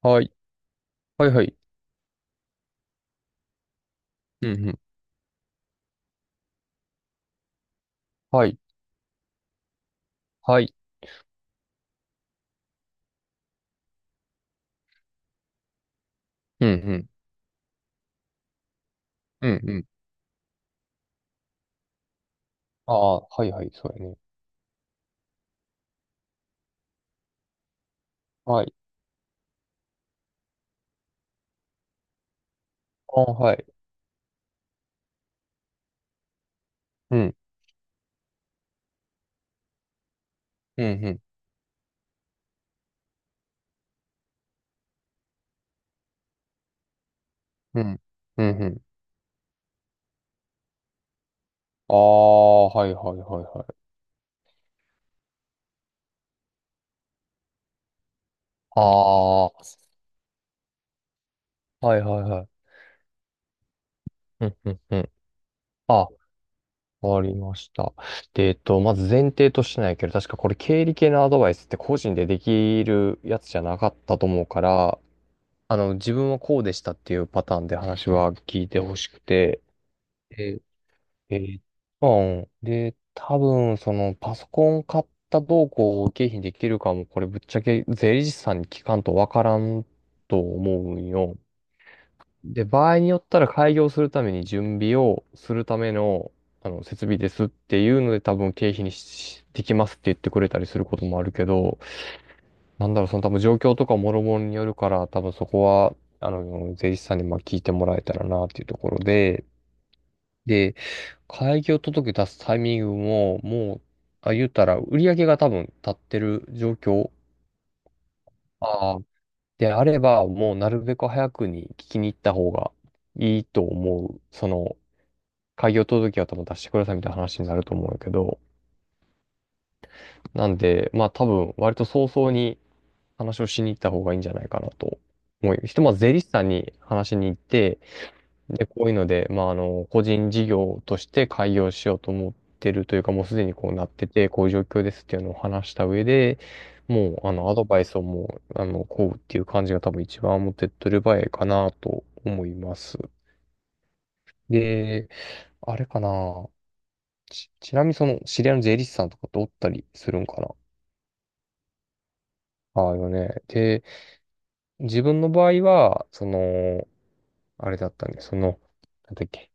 はい。はいはい。うんうん。はい。はい。うんうん。うんうん。ああ、はいはい。そうやね。はい。ああ、はい。うん。うんうん。うん。うんうん。ああ、はいはいはいはい。ああ、はいはいはい。うんうんうん。あ、わかりました。で、まず前提としてないけど、確かこれ経理系のアドバイスって個人でできるやつじゃなかったと思うから、自分はこうでしたっていうパターンで話は聞いてほしくて、ええー、うんで、多分、その、パソコン買ったどうこう経費にできるかも、これぶっちゃけ税理士さんに聞かんとわからんと思うんよ。で、場合によったら開業するために準備をするための、設備ですっていうので、多分経費にしできますって言ってくれたりすることもあるけど、なんだろう、その多分状況とかもろもろによるから、多分そこは、税理士さんにまあ聞いてもらえたらなっていうところで、で、開業届出すタイミングも、もう、あ、言ったら、売り上げが多分立ってる状況。ああ。であれば、もうなるべく早くに聞きに行った方がいいと思う。その、開業届は多分出してくださいみたいな話になると思うんやけど。なんで、まあ多分、割と早々に話をしに行った方がいいんじゃないかなと思う。ひとまず税理士さんに話しに行って、で、こういうので、まあ、個人事業として開業しようと思ってるというか、もうすでにこうなってて、こういう状況ですっていうのを話した上で、もう、アドバイスをもう、こうっていう感じが多分一番持って取る場合かなと思います。で、あれかな。ちなみにその、知り合いの税理士さんとかっておったりするんかな。ああよね。で、自分の場合は、その、あれだったんで、その、なんだっけ。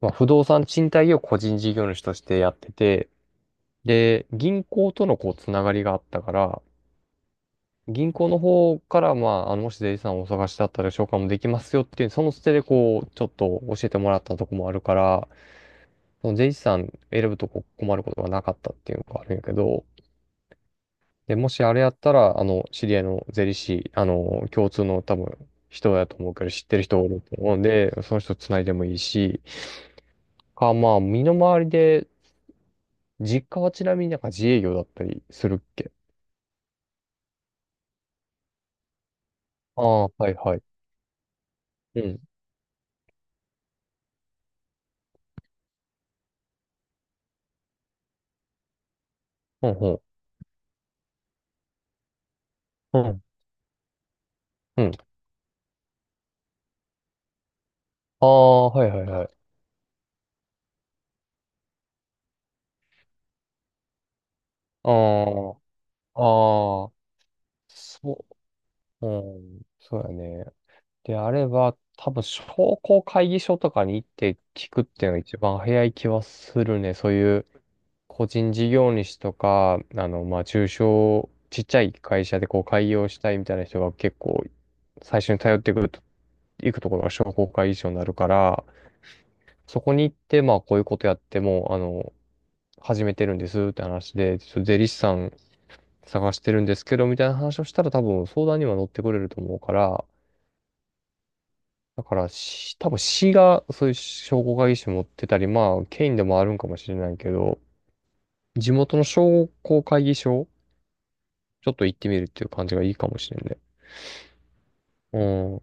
まあ、不動産賃貸業を個人事業主としてやってて、で、銀行とのこう、つながりがあったから、銀行の方から、まあ、もし税理士さんをお探しだったら紹介もできますよっていう、その捨てでこう、ちょっと教えてもらったとこもあるから、その税理士さん選ぶとこ困ることがなかったっていうのがあるんやけど、で、もしあれやったら、知り合いの税理士、共通の多分、人だと思うけど、知ってる人がおると思うんで、その人繋いでもいいし、か、まあ、身の回りで、実家はちなみになんか自営業だったりするっけ。ああー、はいはい。うん。うんうんうん。うん。ああ、はいはいはい。ああああそう、うん、そうやね。であれば、多分商工会議所とかに行って聞くっていうのが一番早い気はするね。そういう個人事業主とか、まあ、中小、ちっちゃい会社でこう開業したいみたいな人が結構最初に頼ってくると、行くところが商工会議所になるから、そこに行って、まあ、こういうことやっても、始めてるんですって話で、ちょっと税理士さん探してるんですけど、みたいな話をしたら多分相談には乗ってくれると思うから、だからし、多分市がそういう商工会議所持ってたり、まあ、県でもあるんかもしれないけど、地元の商工会議所、ちょっと行ってみるっていう感じがいいかもしれんね。うん。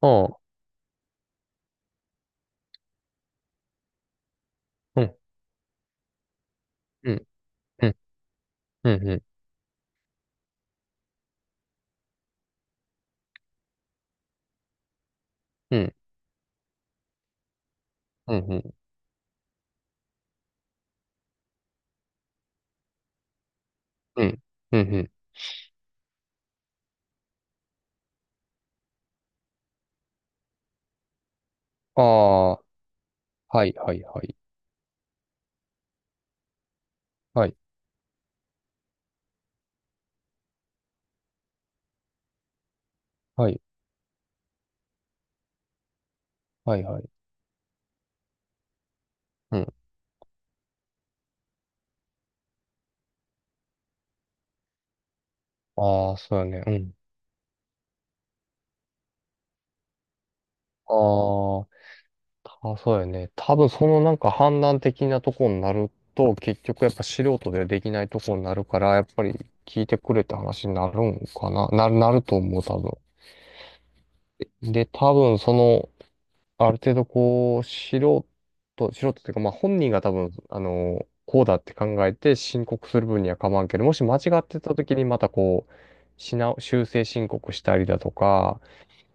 ああ、うん、うん、うん、うん、うん、うん、うん、うん、うん、うん、うん。ああ、はい、はい、はい。はい、はい、はい、はい。うん。ああ、そうやね。うん。ああ、あ、そうやね。多分そのなんか判断的なとこになると、結局やっぱ素人ではできないとこになるから、やっぱり聞いてくれって話になるんかな。なると思う、多分。で、多分その、ある程度こう、素人っていうか、まあ本人が多分、こうだって考えて申告する分には構わんけど、もし間違ってた時にまたこう、修正申告したりだとか、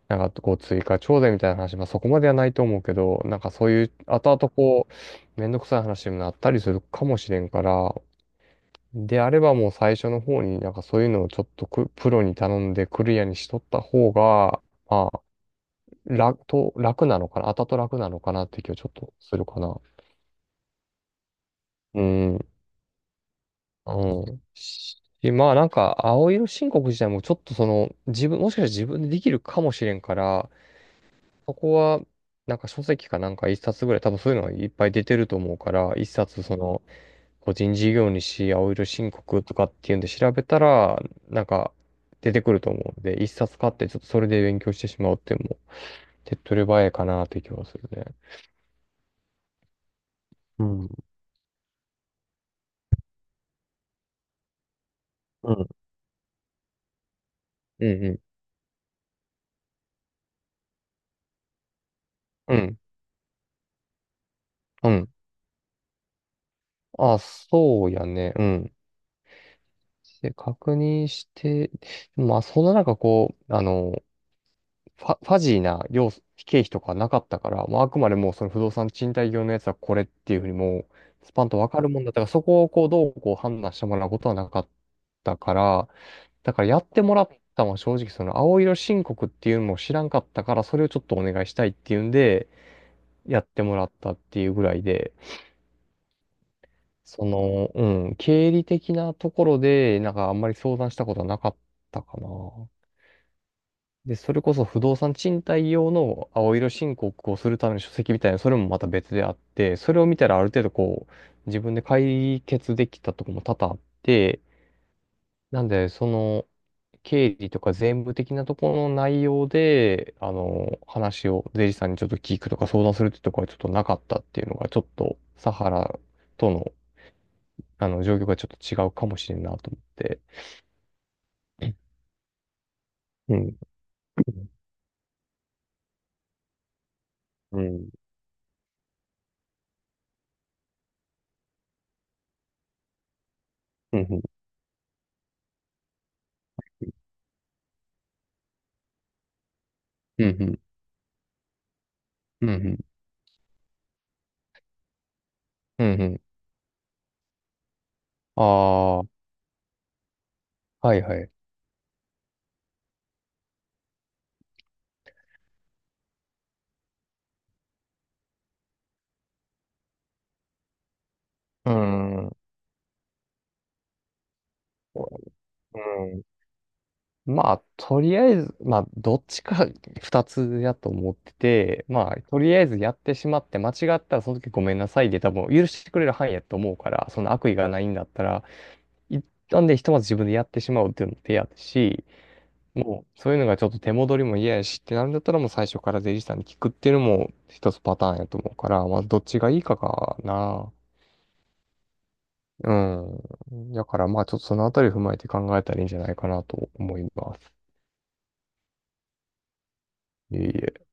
なんかこう追加徴税みたいな話、まあそこまではないと思うけど、なんかそういう後々こう、めんどくさい話にもなったりするかもしれんから、であればもう最初の方になんかそういうのをちょっとくプロに頼んでクリアにしとった方が、まあ、楽なのかな、後々楽なのかなって気はちょっとするかな。うん。うん。しまあなんか、青色申告自体もちょっとその、もしかしたら自分でできるかもしれんから、そこは、なんか書籍かなんか一冊ぐらい、多分そういうのがいっぱい出てると思うから、一冊その、個人事業主青色申告とかっていうんで調べたら、なんか出てくると思うので、一冊買ってちょっとそれで勉強してしまうっていうのも、手っ取り早いかなって気はするね。うん。うん。うんうん。うん。うん。あ、そうやね。うん。で、確認して、まあ、そんな中こう、ファジーな量、経費とかなかったから、もうあくまでもうその不動産賃貸業のやつはこれっていうふうにもう、スパンとわかるもんだったから、そこをこう、どうこう判断してもらうことはなかったから、だからやってもらったのは正直その青色申告っていうのも知らんかったから、それをちょっとお願いしたいっていうんで、やってもらったっていうぐらいで、その、うん、経理的なところで、なんかあんまり相談したことはなかったかな。で、それこそ不動産賃貸用の青色申告をするための書籍みたいな、それもまた別であって、それを見たらある程度こう、自分で解決できたとこも多々あって、なんで、その、経理とか税務的なところの内容で、話を税理士さんにちょっと聞くとか相談するってとこはちょっとなかったっていうのが、ちょっと、サハラとの、状況がちょっと違うかもしれんなと思って。うん。うん。うん。うん。うん。うん。うん。うん。うん。ああ。はいはい。うん。うん。まあ、とりあえず、まあ、どっちか 二つやと思ってて、まあ、とりあえずやってしまって、間違ったらその時ごめんなさいで多分許してくれる範囲やと思うから、その悪意がないんだったら、一旦でひとまず自分でやってしまうっていうのも手やし、もう、そういうのがちょっと手戻りも嫌やしってなるんだったら、もう最初から税理士さんに聞くっていうのも一つパターンやと思うから、まあ、どっちがいいかかな。うん。だからまあちょっとそのあたり踏まえて考えたらいいんじゃないかなと思います。いえいえ。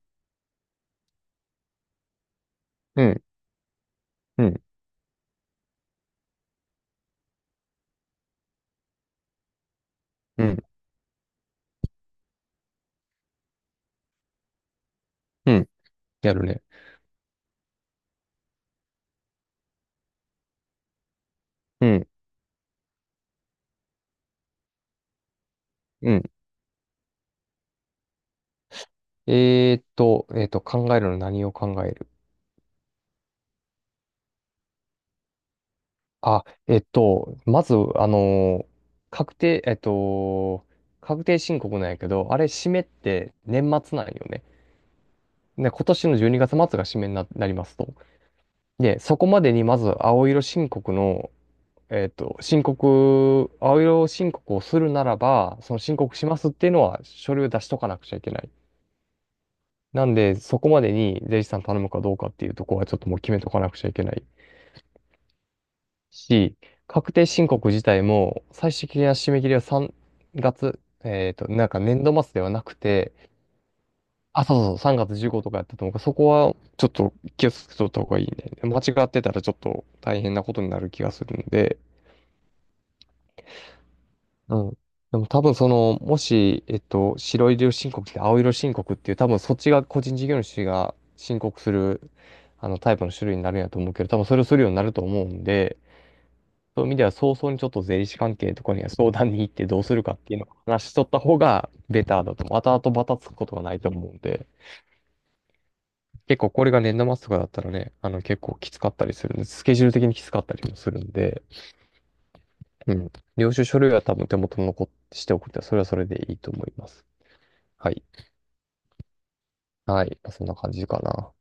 うん、うん、うん、うん。やるね。うん、うん。えーっと、考えるの何を考える。あ、まず、確定、確定申告なんやけど、あれ、締めって年末なんよね。で、今年の12月末が締めになりますと。で、そこまでにまず青色申告の、申告、青色申告をするならば、その申告しますっていうのは書類を出しとかなくちゃいけない。なんで、そこまでに税理士さん頼むかどうかっていうところはちょっともう決めとかなくちゃいけないし、確定申告自体も最終的な締め切りは3月、なんか年度末ではなくて、あ、そうそうそう、3月15とかやったと思うから、そこはちょっと気をつけとった方がいいね。間違ってたらちょっと大変なことになる気がするんで、うん。でも多分その、もし、白色申告って青色申告っていう、多分そっちが個人事業主が申告する、タイプの種類になるんやと思うけど、多分それをするようになると思うんで、そういう意味では早々にちょっと税理士関係とかには相談に行ってどうするかっていうのを話しとった方がベターだと思う。後々バタつくことがないと思うんで、結構これが年度末とかだったらね、あの結構きつかったりするんで、スケジュール的にきつかったりもするんで、うん。領収書類は多分手元に残しておくって、それはそれでいいと思います。はい。はい。そんな感じかな。